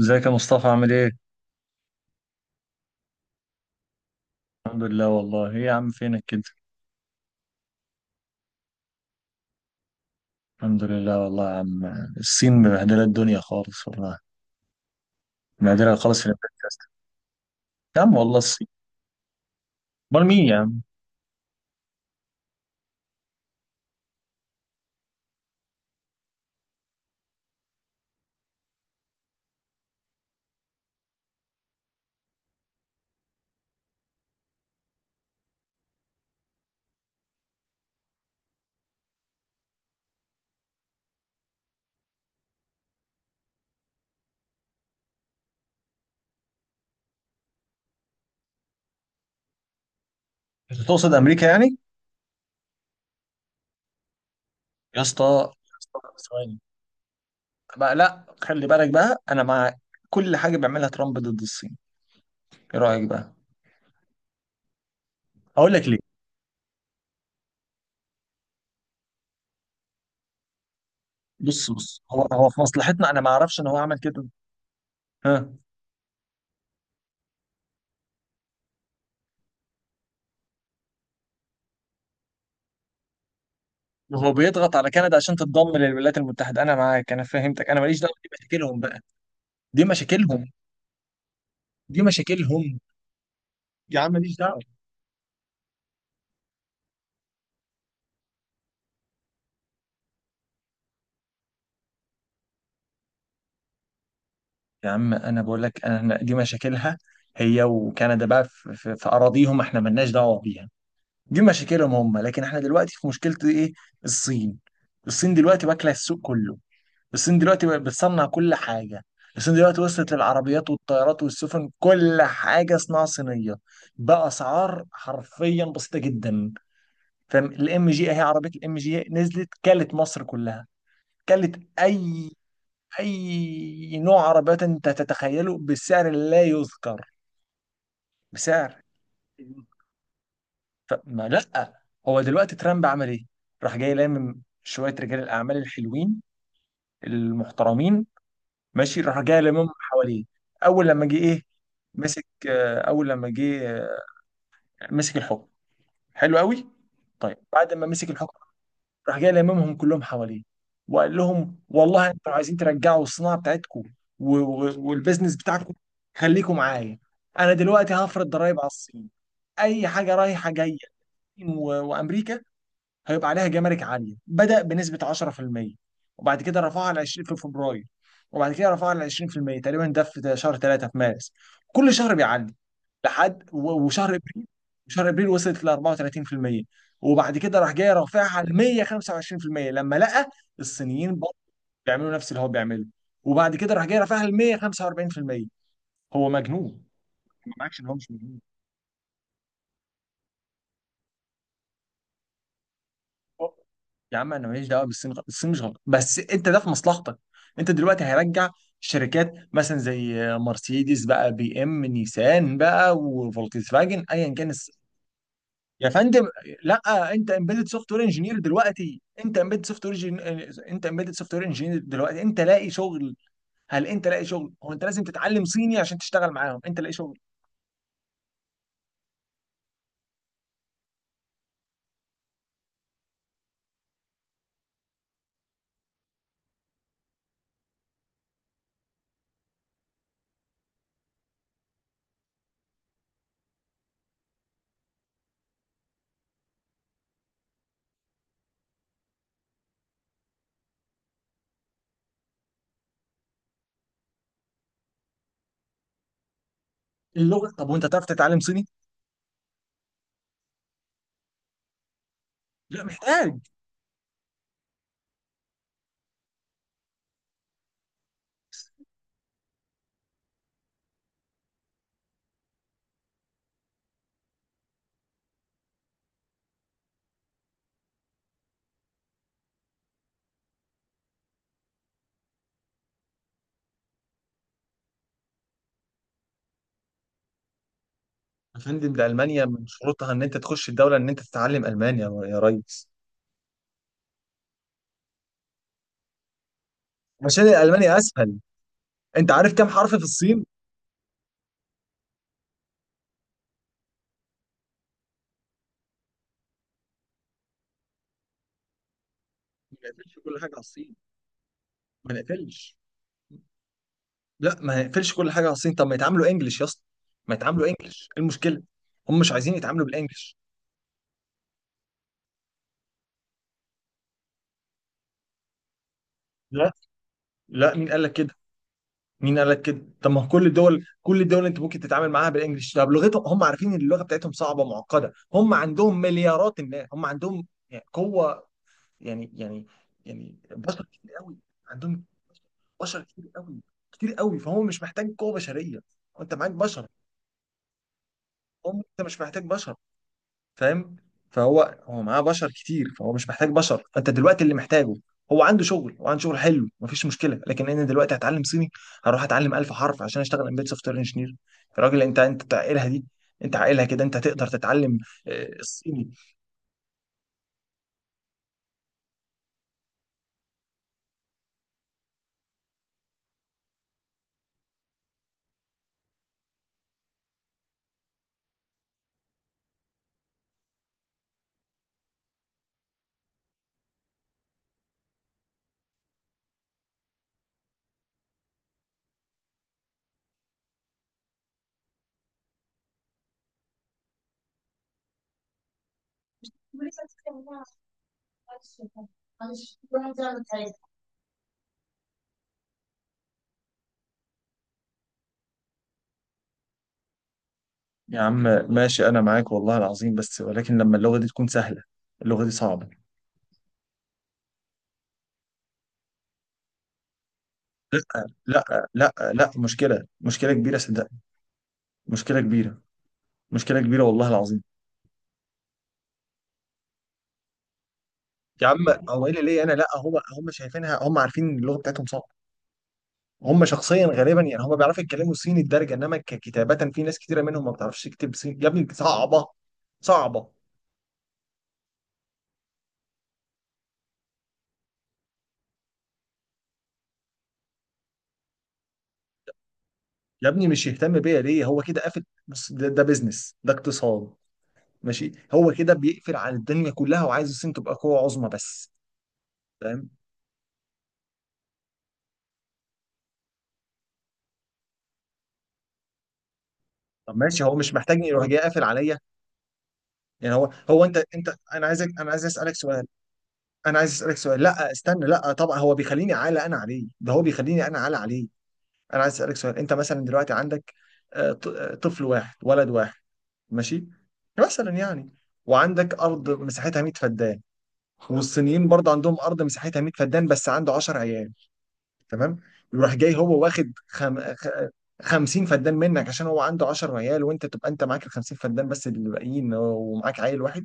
ازيك يا مصطفى عامل ايه؟ الحمد لله. والله ايه يا عم فينك كده؟ الحمد لله والله يا عم. الصين مبهدلة الدنيا خالص والله. مبهدلة خالص في البودكاست. يا عم والله الصين. امال مين يا عم؟ انت تقصد امريكا يعني؟ يا اسطى يا اسطى، ثواني. بقى، لا خلي بالك بقى، انا مع كل حاجة بيعملها ترامب ضد الصين. ايه رأيك بقى؟ هقول لك ليه. بص بص، هو في مصلحتنا، انا ما اعرفش ان هو عمل كده. ها. وهو بيضغط على كندا عشان تتضم للولايات المتحدة. أنا معاك، أنا فهمتك، أنا ماليش دعوة، دي مشاكلهم بقى. دي مشاكلهم. دي مشاكلهم يا عم، ماليش دعوه. يا عم انا بقول لك، انا دي مشاكلها، هي وكندا بقى في اراضيهم، احنا مالناش دعوه بيها. دي مشاكلهم هم، لكن احنا دلوقتي في مشكله ايه؟ الصين. الصين دلوقتي واكله السوق كله. الصين دلوقتي بقت بتصنع كل حاجه. الصين دلوقتي وصلت للعربيات والطيارات والسفن، كل حاجه صناعه صينيه، باسعار حرفيا بسيطه جدا. فاهم الام جي؟ اهي عربيه الام جي نزلت كلت مصر كلها. كلت اي؟ اي نوع عربيات انت تتخيله بسعر لا يذكر، بسعر، فما لا. هو دلوقتي ترامب عمل ايه؟ راح جاي لامم شويه رجال الاعمال الحلوين المحترمين. ماشي، راح جاي لاممهم حواليه. اول لما جه ايه؟ مسك اول لما جه مسك الحكم. حلو قوي. طيب بعد ما مسك الحكم راح جاي لممهم كلهم حواليه، وقال لهم والله انتوا لو عايزين ترجعوا الصناعه بتاعتكم والبزنس بتاعكم، خليكم معايا. انا دلوقتي هفرض ضرايب على الصين، اي حاجه رايحه جايه الصين وامريكا هيبقى عليها جمارك عاليه، بدا بنسبه 10%، وبعد كده رفعها ل 20 في فبراير، وبعد كده رفعها ل 20% تقريبا ده في شهر 3 في مارس. كل شهر بيعلي، لحد وشهر ابريل. شهر ابريل وصلت ل 34%، وبعد كده راح جاي رافعها ل 125% لما لقى الصينيين برضه بيعملوا نفس اللي هو بيعمله، وبعد كده راح جاي رافعها ل 145%. هو مجنون. ما معكش ان هو مش مجنون؟ يا عم انا ماليش دعوه بالصين، الصين مش غلط، بس انت ده في مصلحتك. انت دلوقتي هيرجع شركات مثلا زي مرسيدس بقى، بي ام، نيسان بقى، وفولكس فاجن، ايا كان. يا فندم، لا. انت امبيدد سوفت وير انجينير دلوقتي، انت امبيدد سوفت وير، انت امبيدد سوفت وير انجينير دلوقتي انت لاقي شغل. هل انت لاقي شغل؟ هو انت لازم تتعلم صيني عشان تشتغل معاهم؟ انت لاقي شغل. اللغه. طب وانت تعرف تتعلم صيني؟ لا، محتاج. يا فندم، ده المانيا من شروطها ان انت تخش الدوله ان انت تتعلم المانيا يا ريس. عشان الالماني اسهل. انت عارف كام حرف في الصين؟ ما نقفلش كل حاجه على الصين، ما نقفلش. لا، ما يقفلش كل حاجه على الصين، طب ما يتعاملوا انجلش يا اسطى، ما يتعاملوا انجلش، ايه المشكله؟ هم مش عايزين يتعاملوا بالانجلش. لا. لا، مين قال لك كده؟ مين قال لك كده؟ طب ما هو كل الدول كل الدول اللي انت ممكن تتعامل معاها بالانجلش، طب لغتهم. هم عارفين ان اللغه بتاعتهم صعبه معقده، هم عندهم مليارات الناس، هم عندهم يعني قوه، يعني، يعني، يعني بشر كتير قوي. عندهم بشر كتير قوي، كتير قوي، فهو مش محتاج قوة بشرية. انت معاك بشر. هو انت مش محتاج بشر، فاهم؟ فهو معاه بشر كتير، فهو مش محتاج بشر، فانت دلوقتي اللي محتاجه. هو عنده شغل، وعنده شغل حلو، مفيش مشكلة، لكن انا دلوقتي هتعلم صيني، هروح اتعلم 1000 حرف عشان اشتغل امبيد سوفت وير انجينير. يا راجل انت عاقلها دي؟ انت عاقلها كده انت هتقدر تتعلم؟ الصيني. يا عم ماشي، انا معاك والله العظيم، بس ولكن لما اللغه دي تكون سهله، اللغه دي صعبه. لا لا لا، مشكله، مشكله كبيره صدقني، مشكله كبيره، مشكله كبيره والله العظيم. يا عم هو ايه اللي ليه انا؟ لا هم شايفينها، هم عارفين ان اللغه بتاعتهم صعبه. هم شخصيا غالبا يعني هم بيعرفوا يتكلموا صيني الدرجه، انما ككتابه في ناس كتيره منهم ما بتعرفش تكتب صيني يا ابني، صعبه، صعبه. يا ابني مش يهتم بيا ليه؟ هو كده قافل، بص ده بيزنس، ده اقتصاد. ماشي هو كده بيقفل على الدنيا كلها، وعايز الصين تبقى قوة عظمى بس. فاهم؟ طب ماشي، هو مش محتاجني يروح جاي قافل عليا؟ يعني هو. هو انت انا عايزك، انا عايز اسالك سؤال، انا عايز اسالك سؤال، لا استنى، لا طبعا هو بيخليني اعلى انا عليه، ده هو بيخليني انا اعلى عليه. انا عايز اسالك سؤال، انت مثلا دلوقتي عندك طفل واحد ولد واحد. ماشي، مثلا يعني. وعندك ارض مساحتها 100 فدان، والصينيين برضه عندهم ارض مساحتها 100 فدان بس عنده 10 عيال. تمام. يروح جاي هو واخد 50 فدان منك عشان هو عنده 10 عيال، وانت تبقى انت معاك ال 50 فدان بس اللي باقيين ومعاك عيل واحد.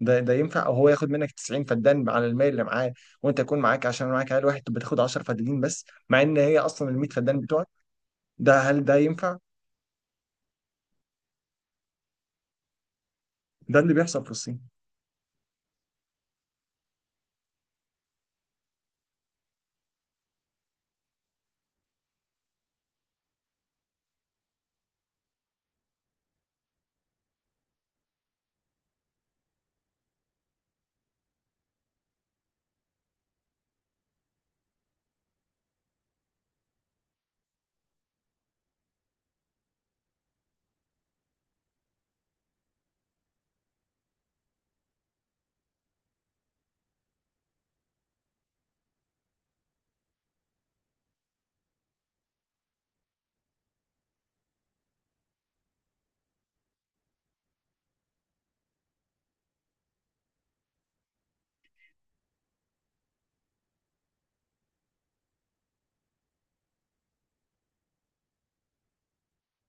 ده ينفع؟ او هو ياخد منك 90 فدان على المال اللي معاه، وانت يكون معاك عشان معاك عيل واحد تبقى تاخد 10 فدانين بس، مع ان هي اصلا ال 100 فدان بتوعك. هل ده ينفع؟ ده اللي بيحصل في الصين.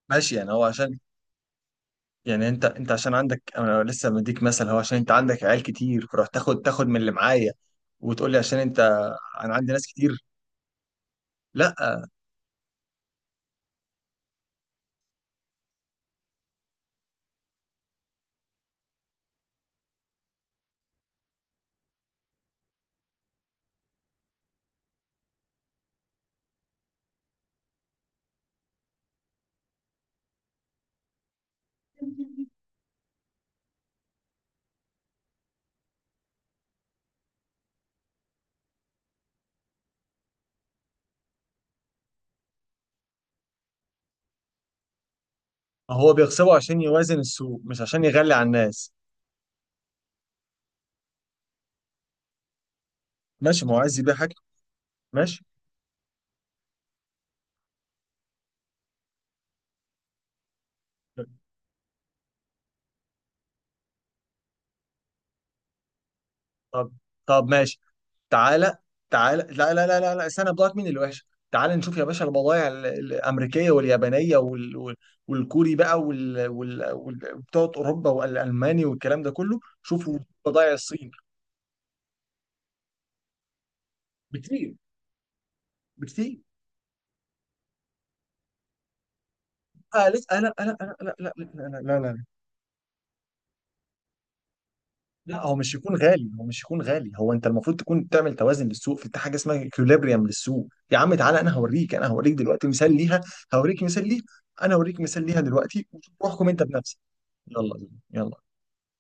ماشي يعني. هو عشان، يعني انت عشان عندك، انا لسه مديك مثل، هو عشان انت عندك عيال كتير فرحت تاخد من اللي معايا وتقول لي عشان انت، انا عندي ناس كتير. لا هو بيغصبه عشان يوازن السوق، مش عشان يغلي على الناس. ماشي، ما هو عايز يبيع حاجته. ماشي. طب، طب ماشي، تعالى، تعالى. لا لا لا لا لا، استنى، بضاعة مين اللي وحشة؟ تعالى نشوف يا باشا البضائع الأمريكية واليابانية والكوري بقى، بتوع أوروبا والألماني والكلام ده كله، شوفوا بضائع الصين بكتير، بكتير. آه لسه، لا لا لا لا لا لا، لا لا لا. لا، هو مش يكون غالي، هو مش يكون غالي. هو انت المفروض تكون تعمل توازن للسوق، في حاجه اسمها اكيوليبريم للسوق يا عم، تعالى انا هوريك دلوقتي مثال ليها، هوريك مثال ليها، انا هوريك مثال ليها دلوقتي وتروحكم انت بنفسك. يلا، يلا.